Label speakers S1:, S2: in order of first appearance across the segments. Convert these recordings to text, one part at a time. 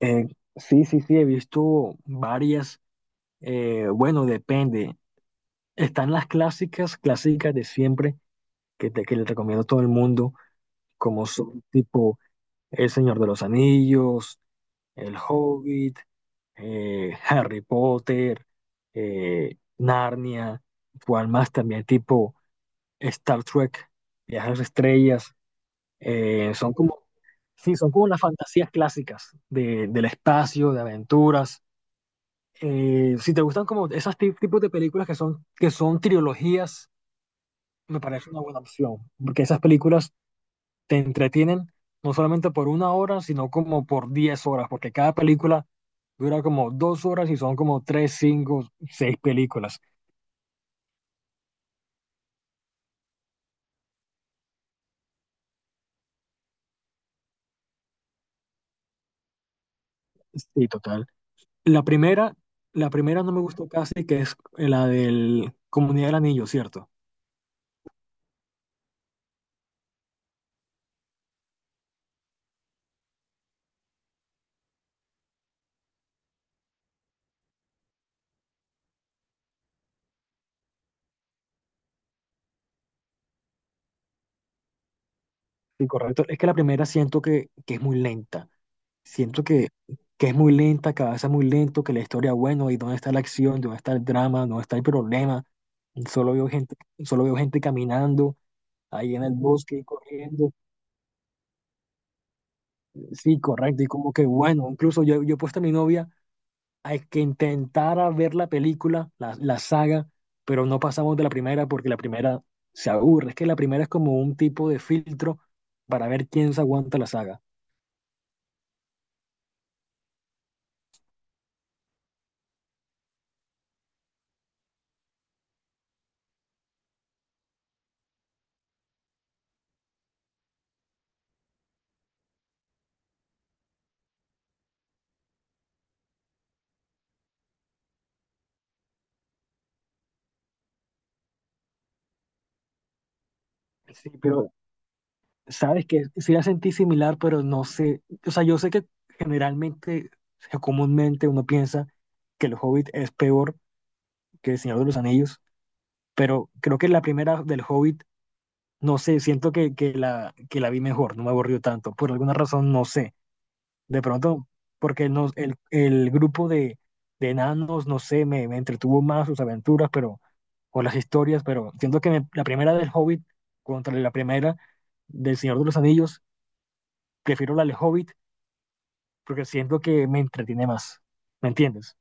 S1: Eh, sí, sí, sí, he visto varias. Bueno, depende. Están las clásicas, clásicas de siempre, que, que le recomiendo a todo el mundo, como son tipo El Señor de los Anillos, El Hobbit, Harry Potter, Narnia, cual más también tipo Star Trek, Viajes a las Estrellas. Son como, sí, son como las fantasías clásicas de, del espacio, de aventuras. Si te gustan como esos tipos de películas que son trilogías, me parece una buena opción, porque esas películas te entretienen no solamente por una hora, sino como por 10 horas, porque cada película dura como dos horas y son como tres, cinco, seis películas. Sí, total. La primera, la primera no me gustó casi, que es la del Comunidad del Anillo, ¿cierto? Sí, correcto. Es que la primera siento que es muy lenta. Siento que es muy lenta, que avanza muy lento, que la historia, bueno, ¿y dónde está la acción? ¿Dónde está el drama? ¿Dónde está el problema? Solo veo gente, solo veo gente caminando ahí en el bosque y corriendo. Sí, correcto. Y como que, bueno, incluso yo, yo he puesto a mi novia a que intentara ver la película, la saga, pero no pasamos de la primera porque la primera se aburre. Es que la primera es como un tipo de filtro para ver quién se aguanta la saga. Sí, pero sabes que sí la sentí similar, pero no sé, o sea, yo sé que generalmente, o comúnmente uno piensa que el Hobbit es peor que el Señor de los Anillos, pero creo que la primera del Hobbit, no sé, siento que, que la vi mejor, no me aburrió tanto, por alguna razón, no sé, de pronto, porque no, el grupo de enanos, no sé, me entretuvo más sus aventuras, pero, o las historias, pero siento que la primera del Hobbit contra la primera del Señor de los Anillos, prefiero la del Hobbit porque siento que me entretiene más, ¿me entiendes?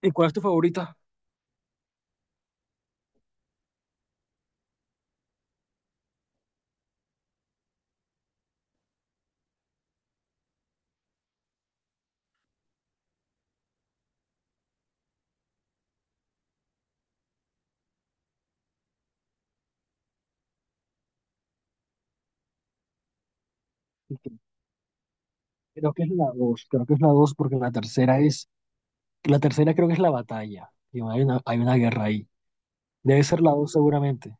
S1: ¿Y cuál es tu favorita? Y cre- Creo que es la dos, creo que es la dos, porque la tercera es, la tercera creo que es la batalla, y hay una guerra ahí. Debe ser la dos seguramente.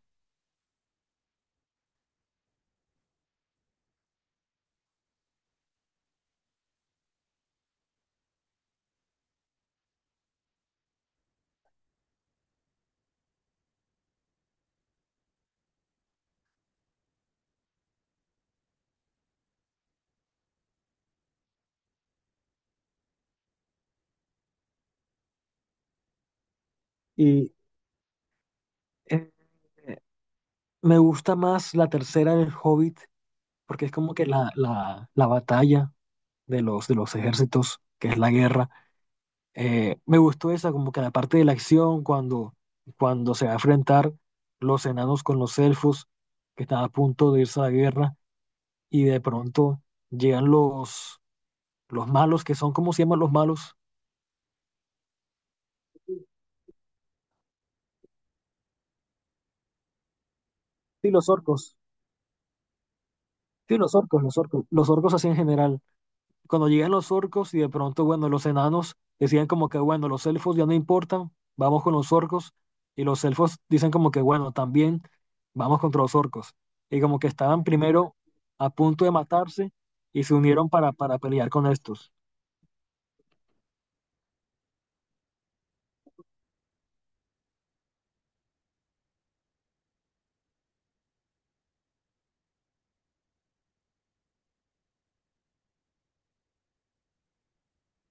S1: Y eh, me gusta más la tercera del Hobbit, porque es como que la batalla de los ejércitos, que es la guerra. Me gustó esa, como que la parte de la acción, cuando, cuando se va a enfrentar los enanos con los elfos, que están a punto de irse a la guerra, y de pronto llegan los malos, que son, ¿cómo se llaman los malos? Sí, los orcos. Sí, los orcos, los orcos. Los orcos así en general. Cuando llegan los orcos y de pronto, bueno, los enanos decían como que, bueno, los elfos ya no importan, vamos con los orcos. Y los elfos dicen como que, bueno, también vamos contra los orcos. Y como que estaban primero a punto de matarse y se unieron para pelear con estos.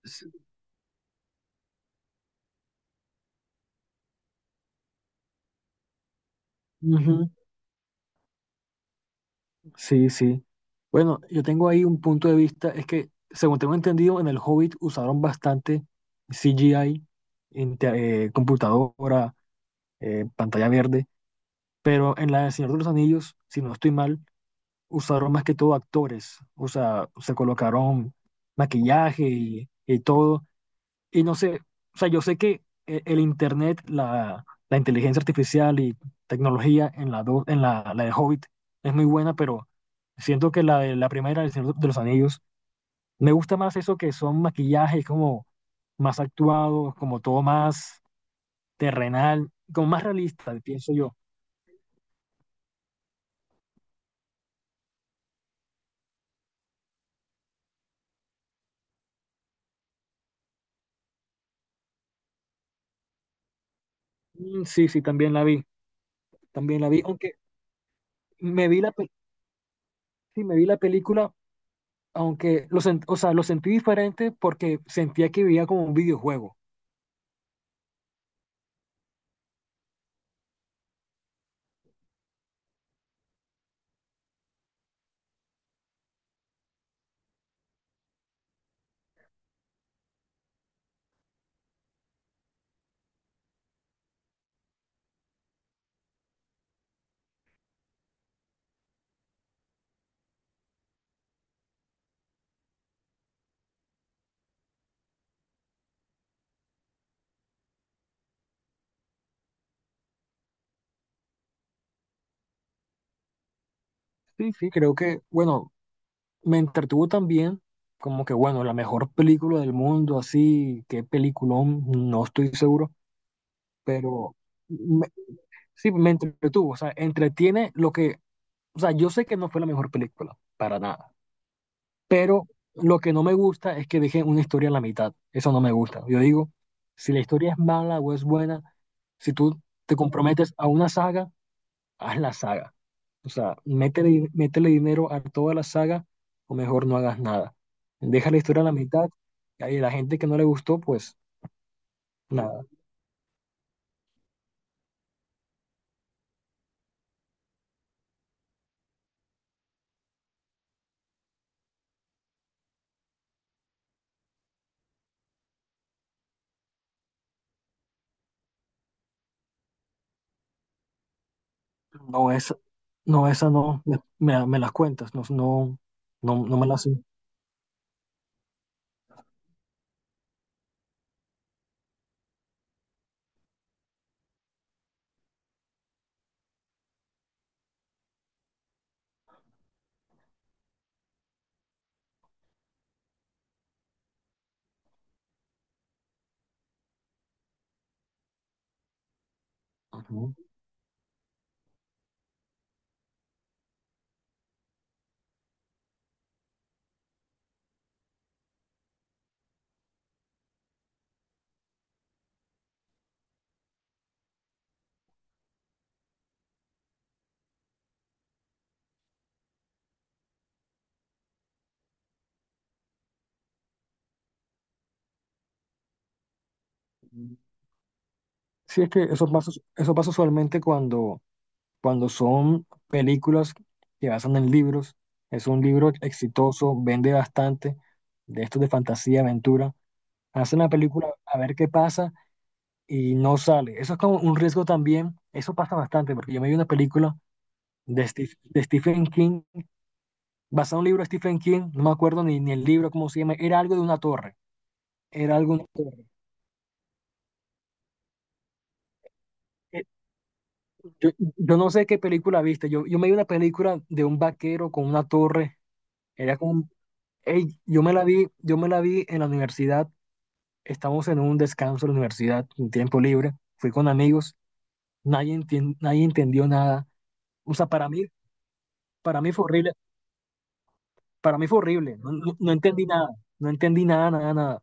S1: S- Ujú. Sí, sí. Bueno, yo tengo ahí un punto de vista, es que según tengo entendido, en el Hobbit usaron bastante CGI, computadora, pantalla verde. Pero en la de Señor de los Anillos, si no estoy mal, usaron más que todo actores, o sea, se colocaron maquillaje y todo. Y no sé, o sea, yo sé que el internet, la inteligencia artificial y tecnología en en la de Hobbit es muy buena, pero siento que la de la primera, el Señor de los Anillos, me gusta más eso que son maquillajes como más actuados, como todo más terrenal, como más realista, pienso yo. Sí, sí, también la vi, aunque me vi sí, me vi la película, aunque o sea, lo sentí diferente porque sentía que vivía como un videojuego. Sí, sí, creo que, bueno, me entretuvo también, como que, bueno, la mejor película del mundo, así, qué peliculón, no estoy seguro, pero me- sí, me entretuvo, o sea, entretiene lo que, o sea, yo sé que no fue la mejor película, para nada, pero lo que no me gusta es que dejé una historia a la mitad, eso no me gusta. Yo digo, si la historia es mala o es buena, si tú te comprometes a una saga, haz la saga. O sea, métele, métele dinero a toda la saga o mejor no hagas nada. Deja la historia a la mitad y ahí la gente que no le gustó, pues nada. No, esa no, esa no, me las cuentas, no, no, no, no me las... Ujú. Sí, es que eso pasa usualmente cuando, cuando son películas que basan en libros. Es un libro exitoso, vende bastante, de estos de fantasía, aventura. Hace una película a ver qué pasa y no sale. Eso es como un riesgo también. Eso pasa bastante, porque yo me vi una película de, de Stephen King, basada en un libro de Stephen King, no me acuerdo ni el libro, cómo se llama, era algo de una torre, era algo de una torre. Eh, Yo, yo no sé qué película viste, yo me vi una película de un vaquero con una torre, era como, ey, yo me la vi, yo me la vi en la universidad, estamos en un descanso en la universidad, un tiempo libre, fui con amigos, nadie entendió nada, o sea, para mí. Para mí fue horrible, para mí fue horrible, no entendí nada, no entendí nada, nada, nada.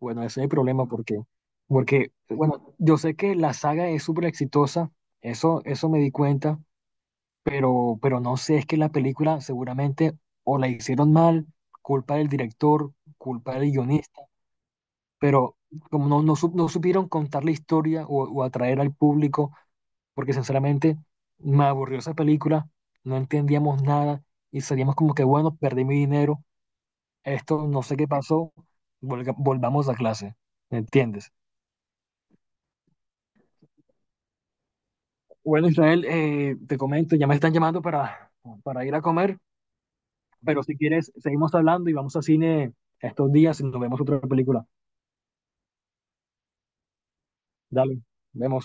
S1: Bueno, ese es el problema porque, porque, bueno, yo sé que la saga es súper exitosa, eso me di cuenta, pero no sé, es que la película seguramente o la hicieron mal, culpa del director, culpa del guionista, pero como no supieron contar la historia o atraer al público, porque sinceramente me aburrió esa película, no entendíamos nada y salíamos como que, bueno, perdí mi dinero, esto no sé qué pasó, volvamos a clase, ¿me entiendes? Bueno, Israel, te comento, ya me están llamando para ir a comer, pero si quieres, seguimos hablando y vamos a cine estos días y nos vemos otra película. Dale, vemos.